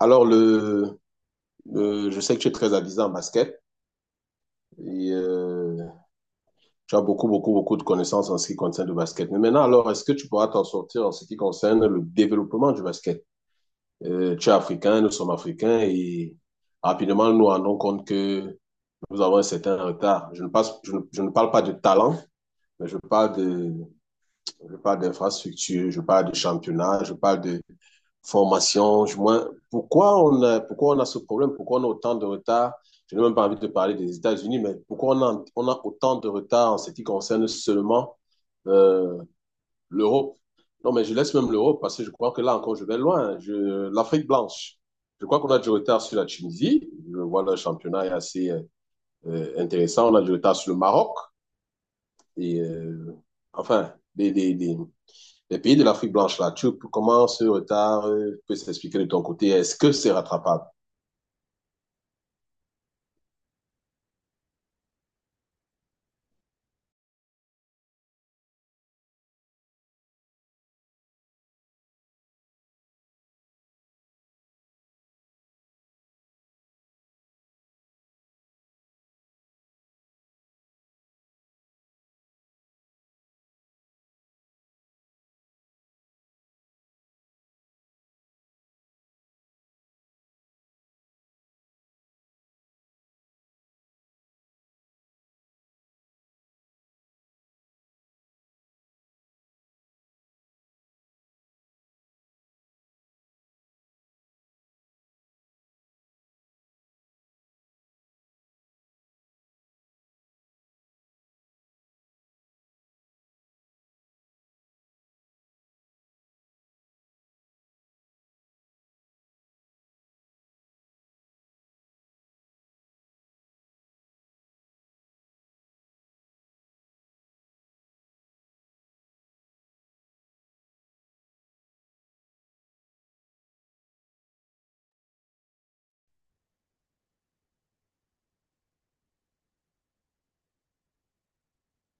Alors, je sais que tu es très avisé en basket et tu as beaucoup, beaucoup, beaucoup de connaissances en ce qui concerne le basket. Mais maintenant, alors, est-ce que tu pourras t'en sortir en ce qui concerne le développement du basket? Tu es africain, nous sommes africains et rapidement, nous nous rendons compte que nous avons un certain retard. Je ne parle pas de talent, mais je parle d'infrastructure, je parle de championnat, je parle formation, du moins, pourquoi on a ce problème, pourquoi on a autant de retard? Je n'ai même pas envie de parler des États-Unis, mais on a autant de retard en ce qui concerne seulement euh, l'Europe? Non, mais je laisse même l'Europe parce que je crois que là encore, je vais loin. L'Afrique blanche, je crois qu'on a du retard sur la Tunisie. Je vois le championnat est assez intéressant. On a du retard sur le Maroc. Et enfin, les pays de l'Afrique blanche, là, comment ce retard peut s'expliquer de ton côté? Est-ce que c'est rattrapable?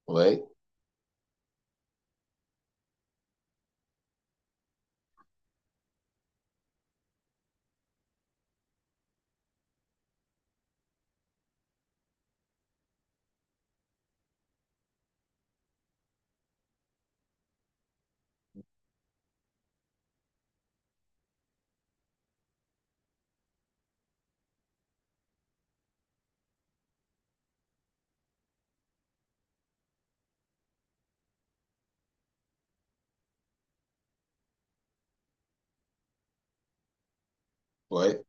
Oui, oui,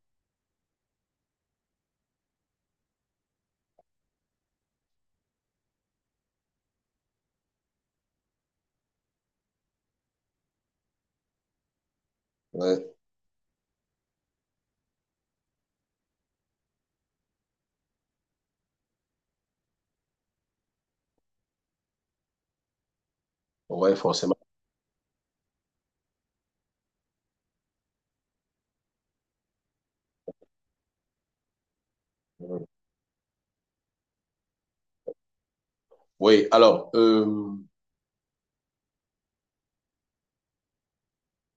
oui, oui, forcément. Oui, alors,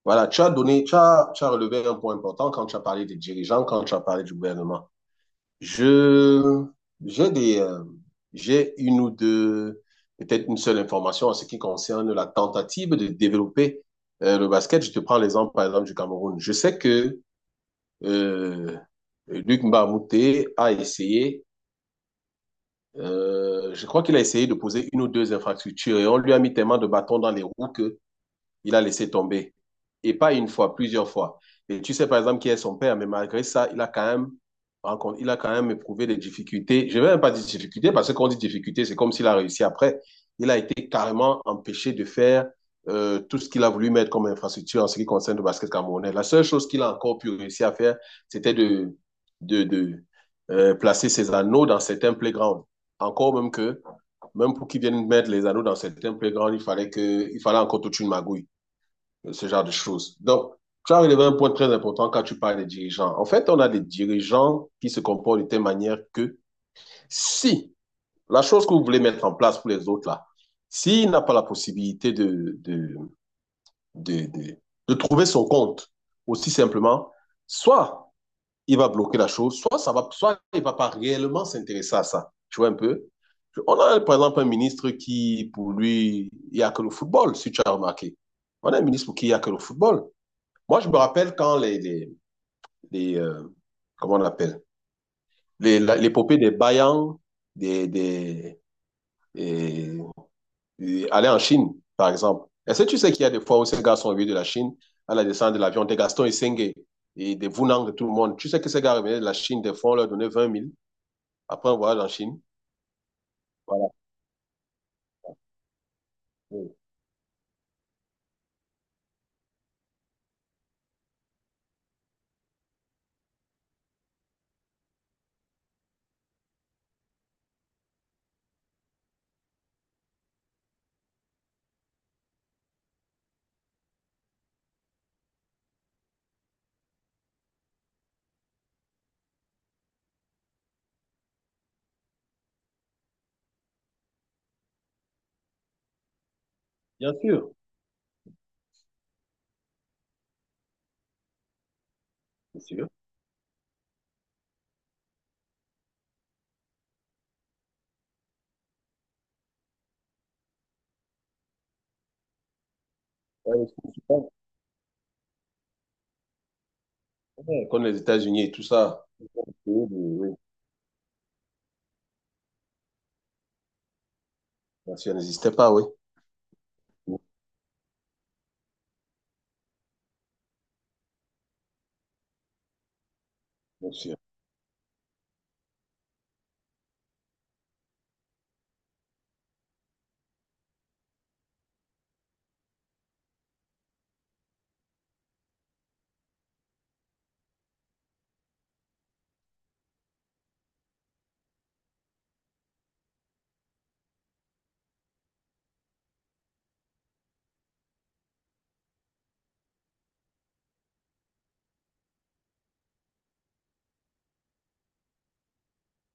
voilà, tu as donné, tu as relevé un point important quand tu as parlé des dirigeants, quand tu as parlé du gouvernement. Je, j'ai des, euh, j'ai une ou deux, peut-être une seule information en ce qui concerne la tentative de développer le basket. Je te prends l'exemple, par exemple, du Cameroun. Je sais que euh, Luc Mbamute a essayé, je crois qu'il a essayé de poser une ou deux infrastructures et on lui a mis tellement de bâtons dans les roues que il a laissé tomber. Et pas une fois, plusieurs fois. Et tu sais, par exemple, qui est son père, mais malgré ça, il a quand même éprouvé des difficultés. Je ne vais même pas dire difficultés, parce que quand on dit difficultés, c'est comme s'il a réussi après. Il a été carrément empêché de faire tout ce qu'il a voulu mettre comme infrastructure en ce qui concerne le basket camerounais. La seule chose qu'il a encore pu réussir à faire, c'était de placer ses anneaux dans certains playgrounds. Encore même que, même pour qu'ils viennent mettre les anneaux dans certains playgrounds, il fallait encore toute une magouille ce genre de choses. Donc, tu as relevé un point très important quand tu parles des dirigeants. En fait, on a des dirigeants qui se comportent de telle manière que si la chose que vous voulez mettre en place pour les autres, là, s'il n'a pas la possibilité de, de, de trouver son compte, aussi simplement, soit il va bloquer la chose, soit, ça va, soit il ne va pas réellement s'intéresser à ça. Tu vois un peu? On a par exemple un ministre qui, pour lui, il n'y a que le football, si tu as remarqué. On a un ministre pour qui il n'y a que le football. Moi, je me rappelle quand les, euh, comment on appelle, l'épopée des Bayang, des, des, et- et aller en Chine, par exemple. Est-ce que tu sais qu'il y a des fois où ces gars sont venus de la Chine à la descente de l'avion, des Gaston Isengé et des Vunang de tout le monde. Tu sais que ces gars revenaient de la Chine, des fois, on leur donnait 20 000 après un voyage en Chine. Voilà. Oui. Bien sûr, bien sûr. Ouais, c'est super. Ouais, comme les États-Unis et tout ça. Oui, oui, oui. Bien sûr, n'existait pas, oui. Oui, bien sûr.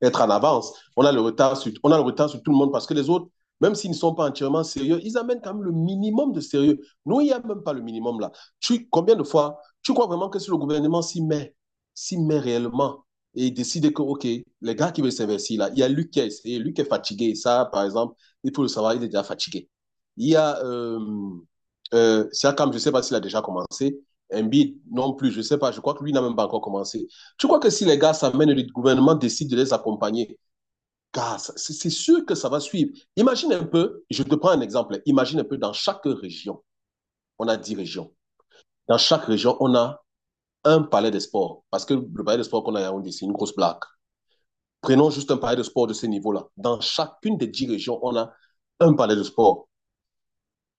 Être en avance. On a le retard sur, on a le retard sur tout le monde parce que les autres, même s'ils ne sont pas entièrement sérieux, ils amènent quand même le minimum de sérieux. Nous, il n'y a même pas le minimum là. Combien de fois, tu crois vraiment que si le gouvernement s'y met réellement et décide que, OK, les gars qui veulent s'investir là, il y a Luc qui a essayé, Luc est fatigué. Ça, par exemple, il faut le savoir, il est déjà fatigué. Il y a Siakam, je ne sais pas s'il a déjà commencé. Embiid non plus, je ne sais pas, je crois que lui n'a même pas encore commencé. Tu crois que si les gars s'amènent et le gouvernement décide de les accompagner, gars, c'est sûr que ça va suivre. Imagine un peu, je te prends un exemple, imagine un peu dans chaque région, on a 10 régions. Dans chaque région, on a un palais des sports. Parce que le palais des sports qu'on a à Yaoundé, c'est une grosse blague. Prenons juste un palais de sport de ce niveau-là. Dans chacune des 10 régions, on a un palais de sport.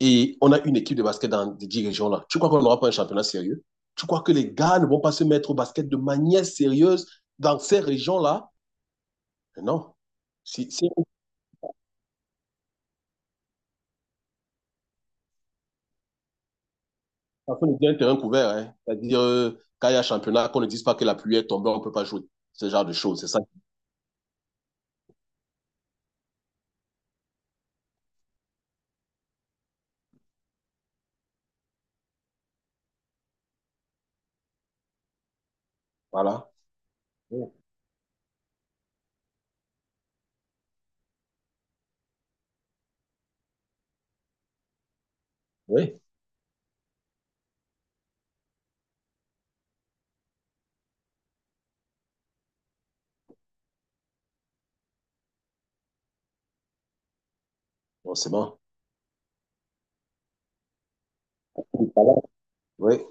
Et on a une équipe de basket dans les 10 régions-là. Tu crois qu'on n'aura pas un championnat sérieux? Tu crois que les gars ne vont pas se mettre au basket de manière sérieuse dans ces régions-là. Mais non. Si on dit un terrain couvert, hein, c'est-à-dire quand il y a championnat, qu'on ne dise pas que la pluie est tombée, on ne peut pas jouer. Ce genre de choses, c'est ça. Voilà. Oui. Oui. Bon, c'est bon. Oui.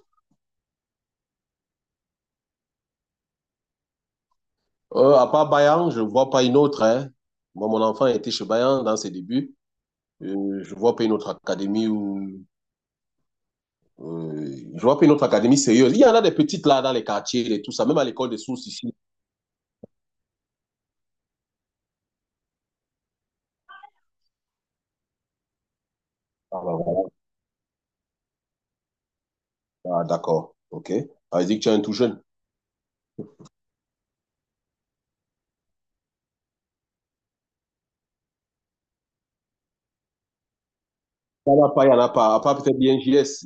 À part Bayern, je ne vois pas une autre, hein. Moi, mon enfant était chez Bayern dans ses débuts. Je ne vois pas une autre académie où. Euh, je vois pas une autre académie sérieuse. Il y en a des petites là dans les quartiers et tout ça, même à l'école des sources ici. Ah, bah, voilà. Ah, d'accord. OK. Ah, il dit que tu es un tout jeune. Il n'y en a pas, il n'y en a pas. À part peut-être l'INJS.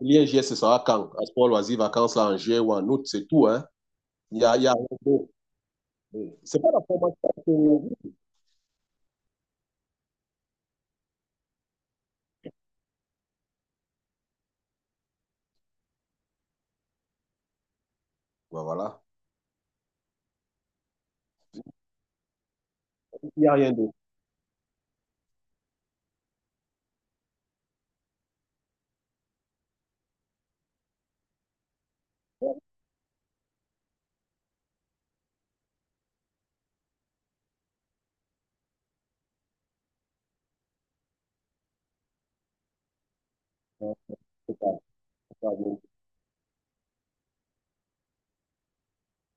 L'INJS, ce sera quand? À sport loisirs, vacances là en juin ou en août, c'est tout, hein. Il y a rien d'autre. C'est pas la formation. que- Bah, voilà. Il n'y a rien d'autre. Non, c'est pas- c'est pas bien.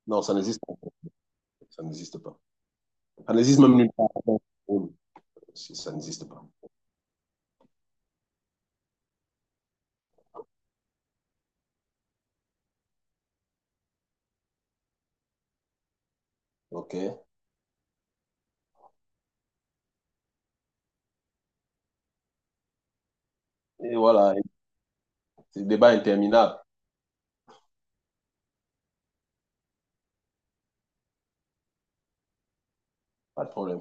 Non, ça n'existe pas. Ça n'existe pas. Ça n'existe même nulle part. Bon, bon, si, ça n'existe pas. OK. Et voilà. C'est un débat interminable. Pas de problème.